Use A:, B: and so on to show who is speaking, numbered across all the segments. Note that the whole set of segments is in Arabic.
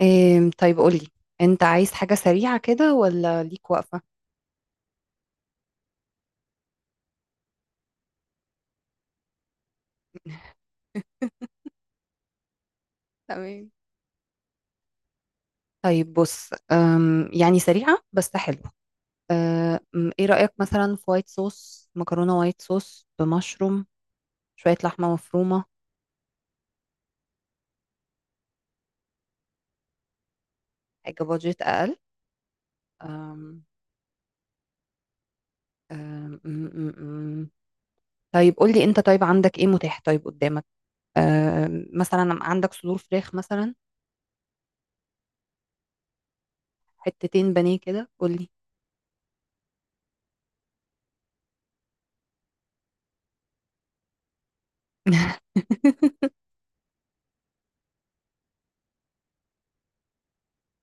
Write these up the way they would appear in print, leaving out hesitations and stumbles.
A: إيه، طيب قولي. انت عايز حاجة سريعة كده ولا ليك وقفة؟ تمام. طيب بص، يعني سريعة بس حلوة. ايه رأيك مثلا في وايت صوص مكرونة، وايت صوص بمشروم، شوية لحمة مفرومة؟ حاجة بادجت أقل. أم، أم، أم، أم، أم. طيب قولي انت، طيب عندك ايه متاح، طيب قدامك؟ مثلا عندك صدور فراخ مثلا؟ حتتين بانيه كده، قولي.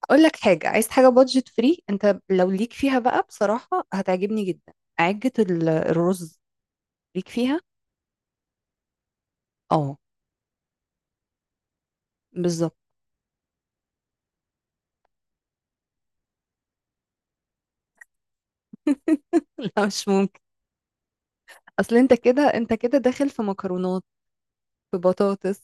A: اقول لك حاجه، عايز حاجه بادجت فري؟ انت لو ليك فيها بقى بصراحه هتعجبني جدا. عجه الرز، ليك فيها؟ اه، بالظبط. لا، مش ممكن. اصل انت كده، داخل في مكرونات، في بطاطس.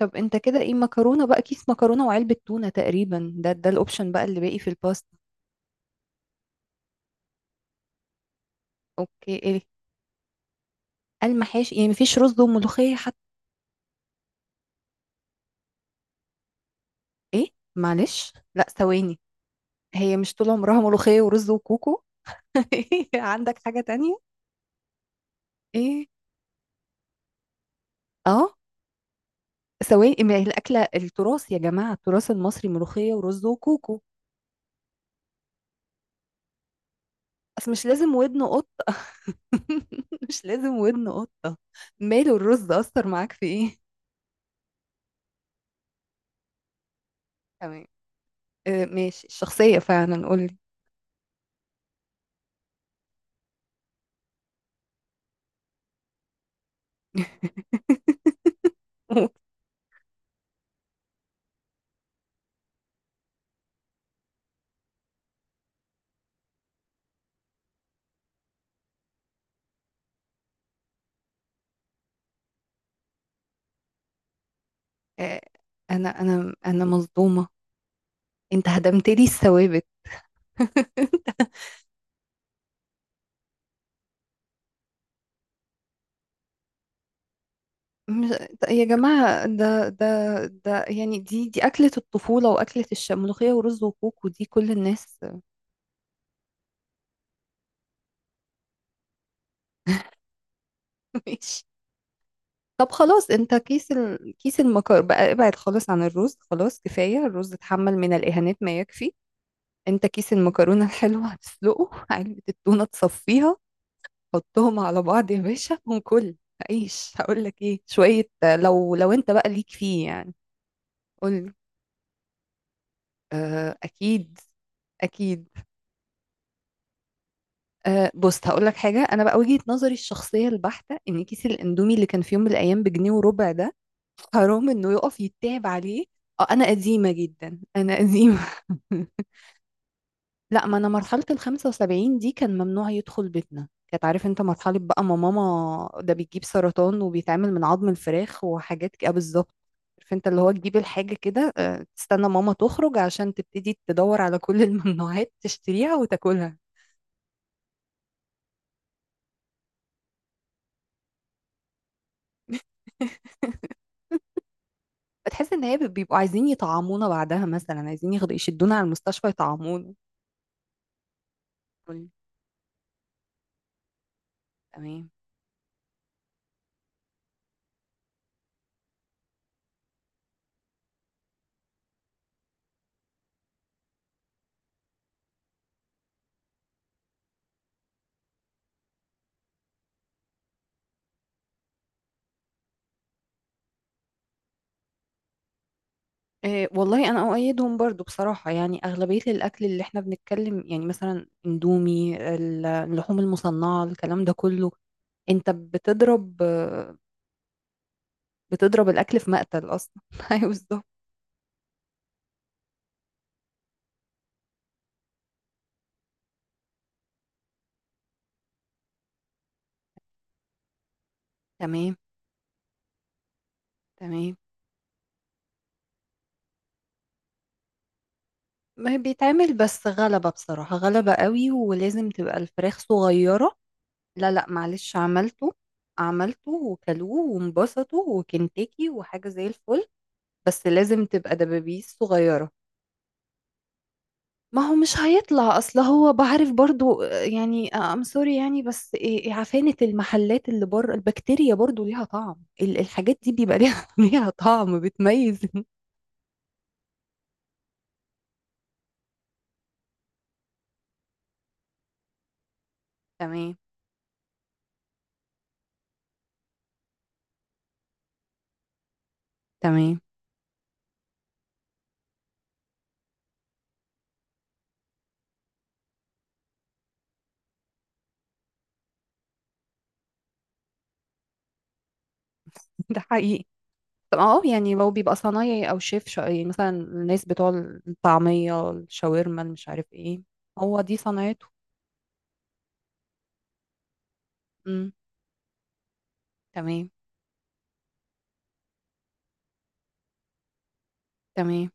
A: طب انت كده ايه؟ مكرونه بقى، كيس مكرونه وعلبه تونه تقريبا، ده الاوبشن بقى اللي باقي في الباستا. اوكي، ايه؟ المحاشي يعني؟ مفيش رز وملوخيه حتى؟ ايه؟ معلش، لا ثواني. هي مش طول عمرها ملوخيه ورز وكوكو؟ عندك حاجه تانية؟ ايه؟ اه، سواء، ما هي الأكلة التراث يا جماعة، التراث المصري ملوخية ورز وكوكو. أصل مش لازم ودن قطة. مش لازم ودن قطة. ماله الرز، أثر معاك في إيه؟ تمام. آه، ماشي الشخصية فعلا، قولي. آه، أنا مصدومة. أنت هدمت لي الثوابت. مش... يا جماعة، ده يعني، دي أكلة الطفولة، وأكلة الملوخية ورز وكوكو دي كل الناس. ماشي. طب خلاص، انت كيس المكر بقى ابعد خالص عن الرز، خلاص كفاية الرز اتحمل من الإهانات ما يكفي. انت كيس المكرونة الحلوة هتسلقه، علبة التونة تصفيها، حطهم على بعض يا باشا وكل عيش. هقول لك ايه، شوية، لو انت بقى ليك فيه يعني. قول. آه، اكيد. اكيد. أه، بص هقول لك حاجة. أنا بقى وجهة نظري الشخصية البحتة إن كيس الأندومي اللي كان في يوم من الأيام بجنيه وربع ده، حرام إنه يقف يتعب عليه. أه، أنا قديمة جدا، أنا قديمة. لا، ما أنا مرحلة ال 75 دي كان ممنوع يدخل بيتنا. كانت، عارف أنت، مرحلة بقى، ما ماما ده بيجيب سرطان وبيتعمل من عظم الفراخ وحاجات كده، بالظبط. عارف أنت اللي هو تجيب الحاجة كده، أه تستنى ماما تخرج عشان تبتدي تدور على كل الممنوعات تشتريها وتاكلها. بتحس ان هي بيبقوا عايزين يطعمونا، بعدها مثلا عايزين ياخدوا يشدونا على المستشفى يطعمونا. قولي. تمام. إيه والله، انا اؤيدهم برضو بصراحه. يعني اغلبيه الاكل اللي احنا بنتكلم، يعني مثلا اندومي، اللحوم المصنعه، الكلام ده كله. انت بتضرب بتضرب الاكل في مقتل اصلا. ايوه بالظبط. تمام، تمام. ما هي بيتعمل، بس غلبة بصراحة، غلبة قوي، ولازم تبقى الفراخ صغيرة. لا لا، معلش، عملته. عملته وكلوه وانبسطوا، وكنتاكي وحاجة زي الفل. بس لازم تبقى دبابيس صغيرة. ما هو مش هيطلع، اصل هو بعرف برضو، يعني سوري يعني. بس إيه، عفانة المحلات اللي بره، البكتيريا برضو ليها طعم، الحاجات دي بيبقى ليها ليها طعم بتميز. تمام، تمام. ده حقيقي. طب اه، يعني لو بيبقى صنايعي او شيف يعني مثلا الناس بتوع الطعمية، الشاورما، مش عارف ايه، هو دي صنايعته. تمام، تمام.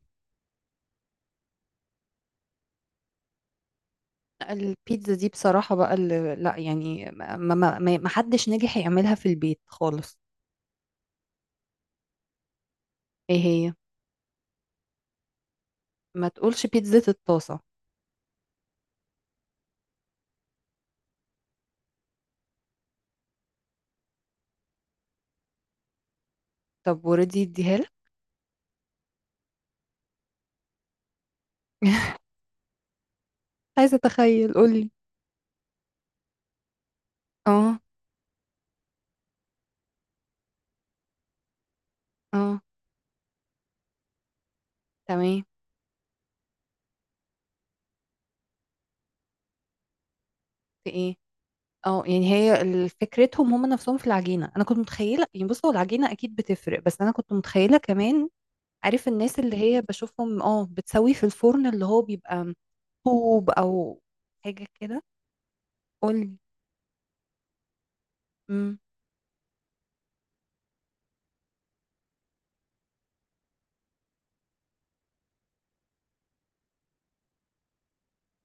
A: لأ، البيتزا دي بصراحة بقى، اللي لا يعني، ما حدش نجح يعملها في البيت خالص. ايه هي؟ ما تقولش بيتزا الطاسة. طب وردي اديها لك؟ عايزة اتخيل، قولي. اه اه. تمام. في ايه؟ اه يعني هي فكرتهم هم نفسهم في العجينة. انا كنت متخيلة، يعني بص، هو العجينة اكيد بتفرق، بس انا كنت متخيلة كمان. عارف الناس اللي هي بشوفهم، اه بتسوي في الفرن اللي هو بيبقى طوب او حاجة كده. قولي. إمم.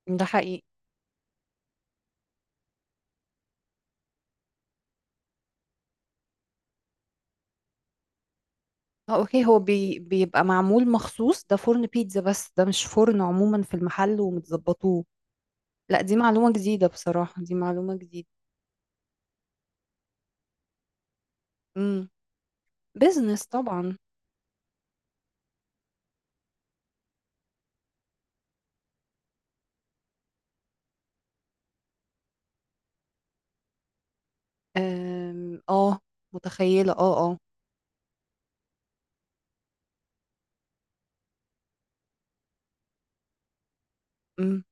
A: ده حقيقي. اه، اوكي. هو بيبقى معمول مخصوص ده فرن بيتزا، بس ده مش فرن عموما في المحل ومتظبطوه. لا، دي معلومة جديدة بصراحة، دي معلومة جديدة. امم. بيزنس طبعا. اه، متخيلة اه اه. امم.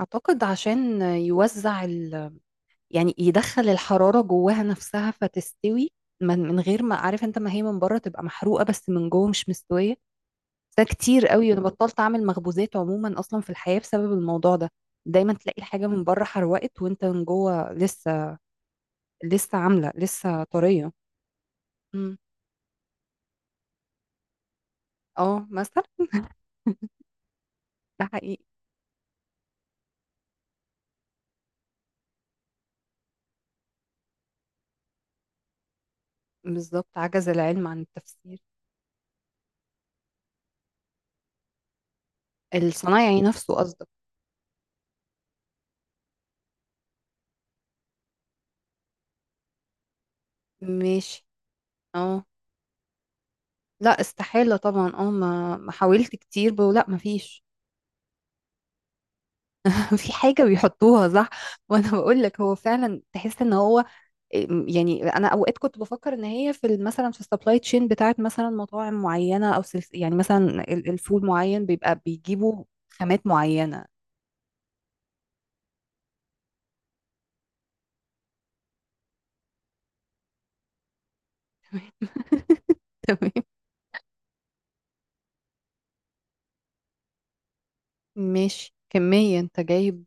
A: اعتقد عشان يوزع ال... يعني يدخل الحرارة جواها نفسها فتستوي، من غير ما، عارف انت، ما هي من بره تبقى محروقة بس من جوه مش مستوية. ده كتير قوي، انا بطلت اعمل مخبوزات عموما اصلا في الحياة بسبب الموضوع ده. دايما تلاقي الحاجة من بره حروقت، وانت من جوه لسه، لسه عاملة لسه طرية. مم. اه مثلا. ده حقيقي. بالظبط، عجز العلم عن التفسير. الصنايعي نفسه قصدك. ماشي. اه. لا، استحالة طبعا. اه، ما حاولت كتير، لا ما فيش. في حاجة بيحطوها صح. وانا بقول لك هو فعلا تحس ان هو، يعني انا اوقات كنت بفكر ان هي في مثلا في السبلاي تشين بتاعت مثلا مطاعم معينه او سلس، يعني مثلا الفول معين بيبقى بيجيبوا خامات معينه. تمام. ماشي، كميه انت جايب؟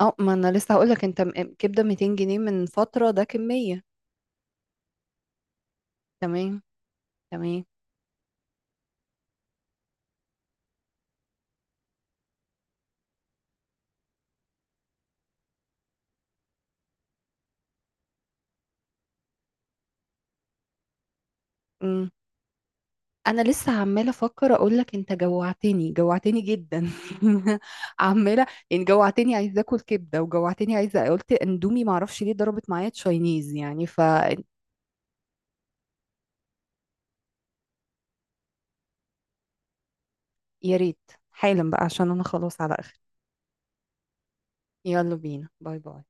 A: اه، ما انا لسه هقول لك، انت كبده 200 جنيه من فتره، ده كميه. تمام، تمام. انا لسه عماله افكر اقول لك انت جوعتني، جوعتني جدا. عماله يعني، جوعتني عايزه اكل كبده، وجوعتني عايزه، قلت اندومي، معرفش ليه ضربت معايا تشاينيز يعني. ف، يا ريت، حالا بقى عشان انا خلاص على اخر. يلا بينا، باي باي.